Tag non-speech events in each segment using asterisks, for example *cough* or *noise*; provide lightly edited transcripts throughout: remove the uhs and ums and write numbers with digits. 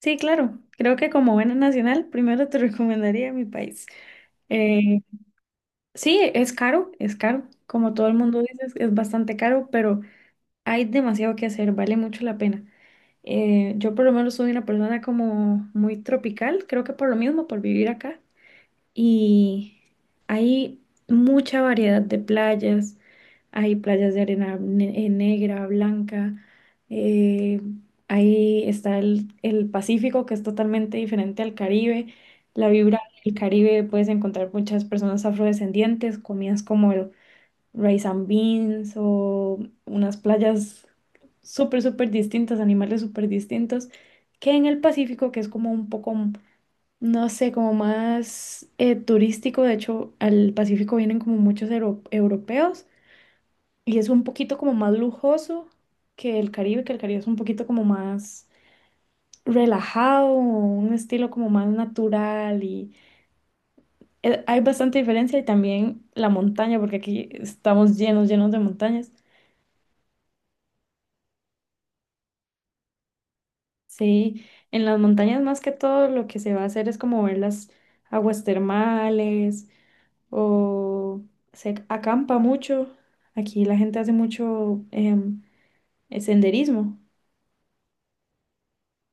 Sí, claro. Creo que como buena nacional, primero te *laughs* recomendaría mi país. Eh, sí, es caro, es caro. Como todo el mundo dice, es bastante caro, pero hay demasiado que hacer, vale mucho la pena. Yo por lo menos soy una persona como muy tropical, creo que por lo mismo, por vivir acá. Y hay mucha variedad de playas, hay playas de arena negra, blanca. eh, ahí está el Pacífico, que es totalmente diferente al Caribe. La vibra del Caribe puedes encontrar muchas personas afrodescendientes, comidas como el rice and beans o unas playas súper, súper distintas, animales súper distintos, que en el Pacífico, que es como un poco, no sé, como más turístico. De hecho, al Pacífico vienen como muchos europeos y es un poquito como más lujoso que el Caribe es un poquito como más relajado, un estilo como más natural y hay bastante diferencia y también la montaña, porque aquí estamos llenos, llenos de montañas. Sí, en las montañas más que todo lo que se va a hacer es como ver las aguas termales o se acampa mucho. Aquí la gente hace mucho senderismo.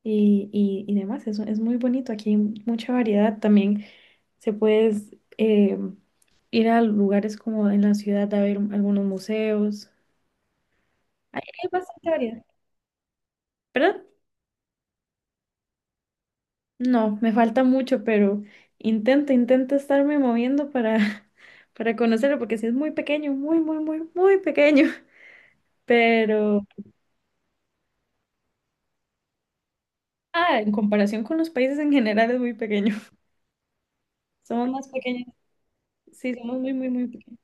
Y demás. Es muy bonito, aquí hay mucha variedad. También se puede eh, ir a lugares como en la ciudad a ver algunos museos. Hay bastante variedad. ¿Perdón? No, me falta mucho, pero intento estarme moviendo para, *laughs* para conocerlo, porque sí es muy pequeño, muy, muy, muy, muy pequeño. *laughs* Pero, en comparación con los países en general es muy pequeño. *laughs* Somos más pequeños. Sí, somos muy, muy, muy pequeños.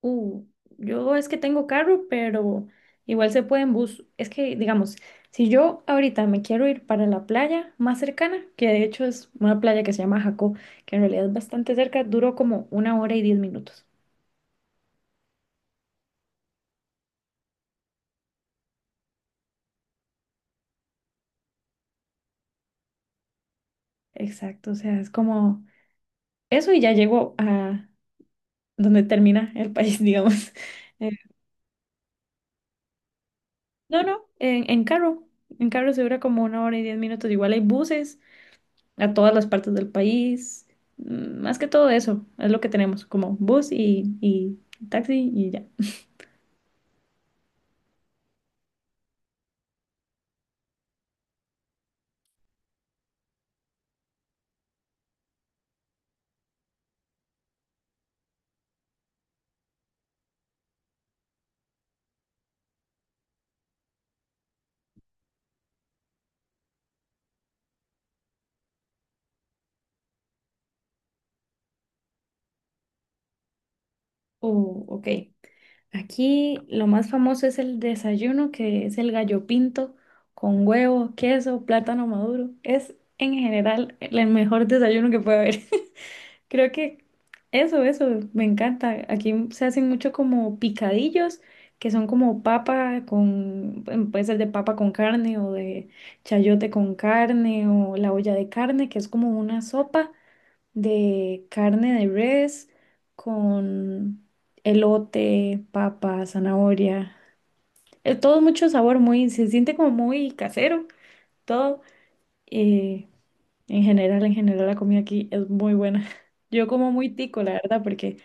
Uh, yo es que tengo carro, pero igual se puede en bus. Es que, digamos, si yo ahorita me quiero ir para la playa más cercana, que de hecho es una playa que se llama Jacó, que en realidad es bastante cerca, duró como 1 hora y 10 minutos. Exacto, o sea, es como eso y ya llego a donde termina el país, *laughs* digamos. Eh, no, no, en carro. En carro se dura como 1 hora y 10 minutos. Igual hay buses a todas las partes del país. Más que todo eso, es lo que tenemos, como bus y taxi y ya. Oh, ok. Aquí lo más famoso es el desayuno, que es el gallo pinto con huevo, queso, plátano maduro. Es en general el mejor desayuno que puede haber. *laughs* Creo que eso, me encanta. Aquí se hacen mucho como picadillos, que son como papa con, puede ser de papa con carne o de chayote con carne o la olla de carne, que es como una sopa de carne de res con elote, papa, zanahoria. Todo mucho sabor, muy, se siente como muy casero, todo. Eh, en general, la comida aquí es muy buena. *laughs* Yo como muy tico, la verdad, porque.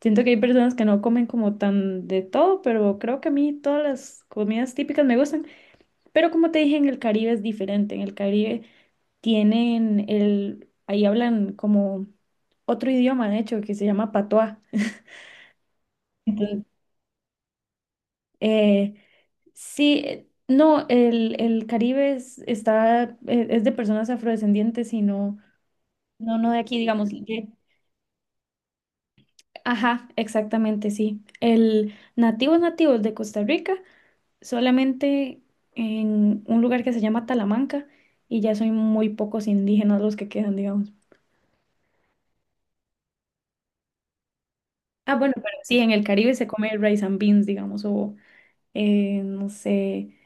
Siento que hay personas que no comen como tan de todo, pero creo que a mí todas las comidas típicas me gustan. Pero como te dije, en el Caribe es diferente. En el Caribe tienen ahí hablan como otro idioma, de hecho, que se llama patois. Entonces, eh, sí, no, el Caribe está, es de personas afrodescendientes y no, no, no de aquí, digamos. Ajá, exactamente, sí. El nativos nativos de Costa Rica solamente en un lugar que se llama Talamanca y ya son muy pocos indígenas los que quedan, digamos. Ah, bueno, pero sí, en el Caribe se come rice and beans, digamos, o no sé,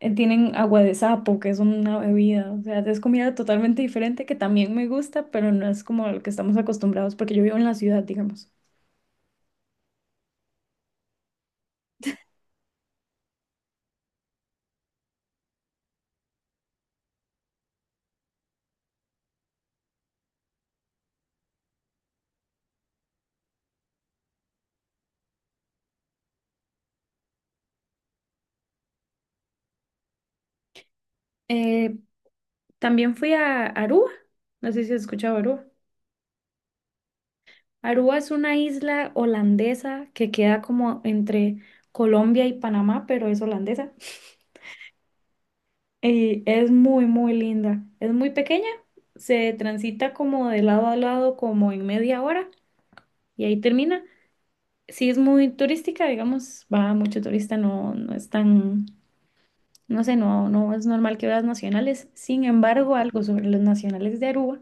tienen agua de sapo, que es una bebida, o sea, es comida totalmente diferente que también me gusta, pero no es como lo que estamos acostumbrados, porque yo vivo en la ciudad, digamos. Eh, También fui a Aruba, no sé si has escuchado Aruba. Aruba es una isla holandesa que queda como entre Colombia y Panamá, pero es holandesa. *laughs* Y es muy, muy linda. Es muy pequeña, se transita como de lado a lado como en media hora y ahí termina. Sí es muy turística, digamos, va mucho turista, no, no es tan, no sé, no, no es normal que veas nacionales. Sin embargo, algo sobre los nacionales de Aruba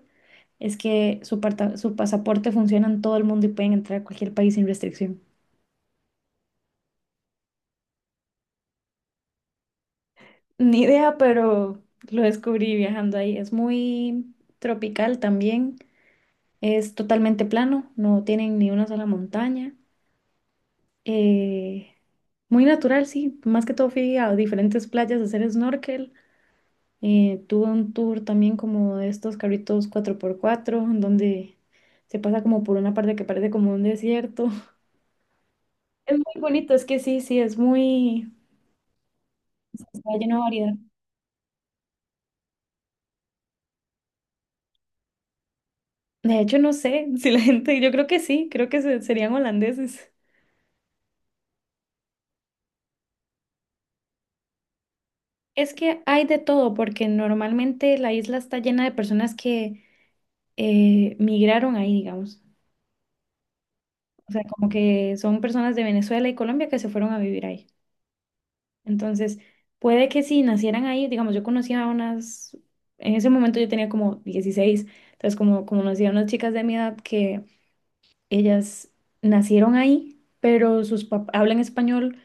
es que su pasaporte funciona en todo el mundo y pueden entrar a cualquier país sin restricción. Ni idea, pero lo descubrí viajando ahí. Es muy tropical también. Es totalmente plano, no tienen ni una sola montaña. Eh, Muy natural, sí. Más que todo fui a diferentes playas a hacer snorkel. Tuve un tour también como de estos carritos 4x4 en donde se pasa como por una parte que parece como un desierto. *laughs* Es muy bonito, es que sí, sí, es muy. Está lleno de variedad. De hecho, no sé *laughs* si la gente, yo creo que sí, creo que serían holandeses. Es que hay de todo, porque normalmente la isla está llena de personas que migraron ahí, digamos. O sea, como que son personas de Venezuela y Colombia que se fueron a vivir ahí. Entonces, puede que si nacieran ahí, digamos, yo conocía a unas, en ese momento yo tenía como 16 entonces como conocía a unas chicas de mi edad que ellas nacieron ahí, pero sus papás hablan español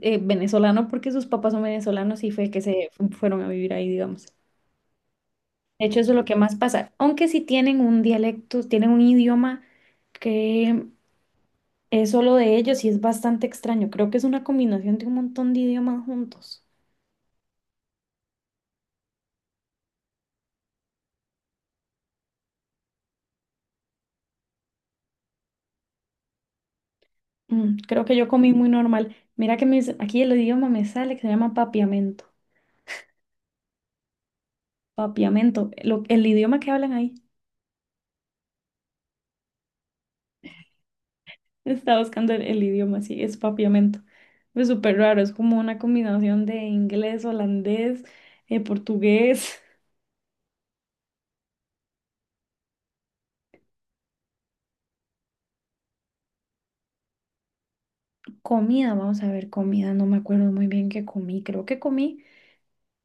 venezolano porque sus papás son venezolanos y fue que fueron a vivir ahí, digamos. De hecho, eso es lo que más pasa. Aunque sí tienen un dialecto, tienen un idioma que es solo de ellos y es bastante extraño. Creo que es una combinación de un montón de idiomas juntos. Creo que yo comí muy normal. Mira que aquí el idioma me sale que se llama papiamento. Papiamento, el idioma que hablan ahí. *laughs* Estaba buscando el idioma, sí, es papiamento. Es súper raro, es como una combinación de inglés, holandés, portugués. Comida, vamos a ver, comida, no me acuerdo muy bien qué comí, creo que comí,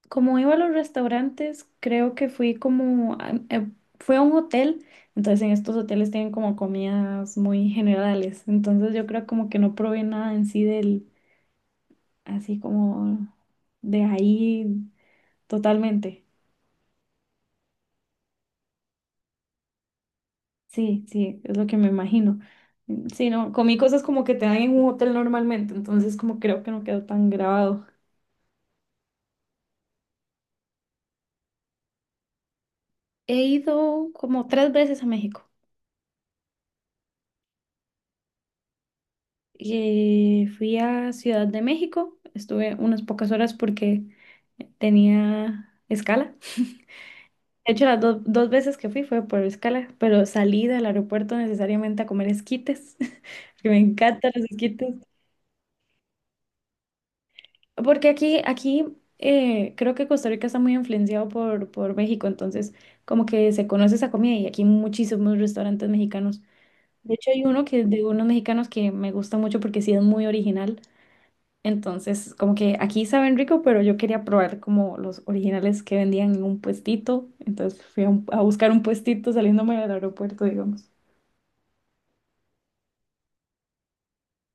como iba a los restaurantes, creo que fui como, fui a un hotel, entonces en estos hoteles tienen como comidas muy generales, entonces yo creo como que no probé nada en sí del, así como de ahí totalmente, sí, sí, es lo que me imagino, Mm, sí, no, comí cosas como que te dan en un hotel normalmente, entonces como creo que no quedó tan grabado. He ido como tres veces a México. Fui a Ciudad de México, estuve unas pocas horas porque tenía escala. De hecho, las dos veces que fui fue por escala, pero salí del aeropuerto necesariamente a comer esquites, *laughs* que me encantan los esquites. Porque aquí, creo que Costa Rica está muy influenciado por México, entonces como que se conoce esa comida y aquí hay muchísimos restaurantes mexicanos. De hecho, hay uno que es de unos mexicanos que me gusta mucho porque sí es muy original. Entonces, como que aquí saben rico, pero yo quería probar como los originales que vendían en un puestito. Entonces fui a buscar un puestito saliéndome del aeropuerto, digamos.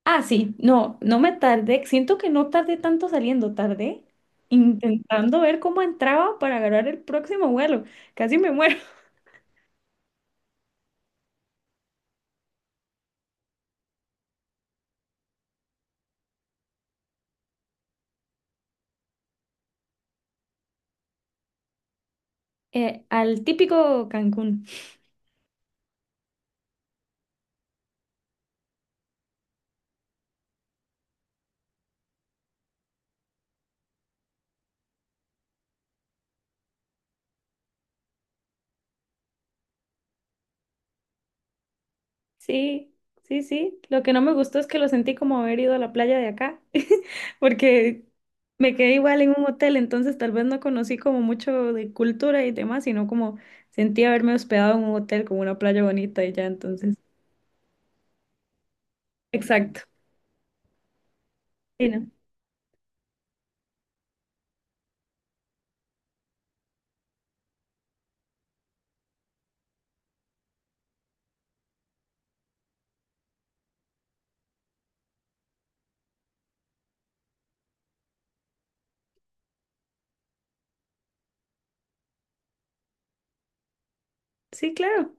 Ah, sí, no, no me tardé. Siento que no tardé tanto saliendo, tardé intentando ver cómo entraba para agarrar el próximo vuelo. Casi me muero. *laughs* Al típico Cancún. Sí, sí, sí. Lo que no me gustó es que lo sentí como haber ido a la playa de acá, *laughs* porque me quedé igual en un hotel, entonces tal vez no conocí como mucho de cultura y demás, sino como sentí haberme hospedado en un hotel con una playa bonita y ya, entonces. Exacto. Sí, ¿no? Sí, claro.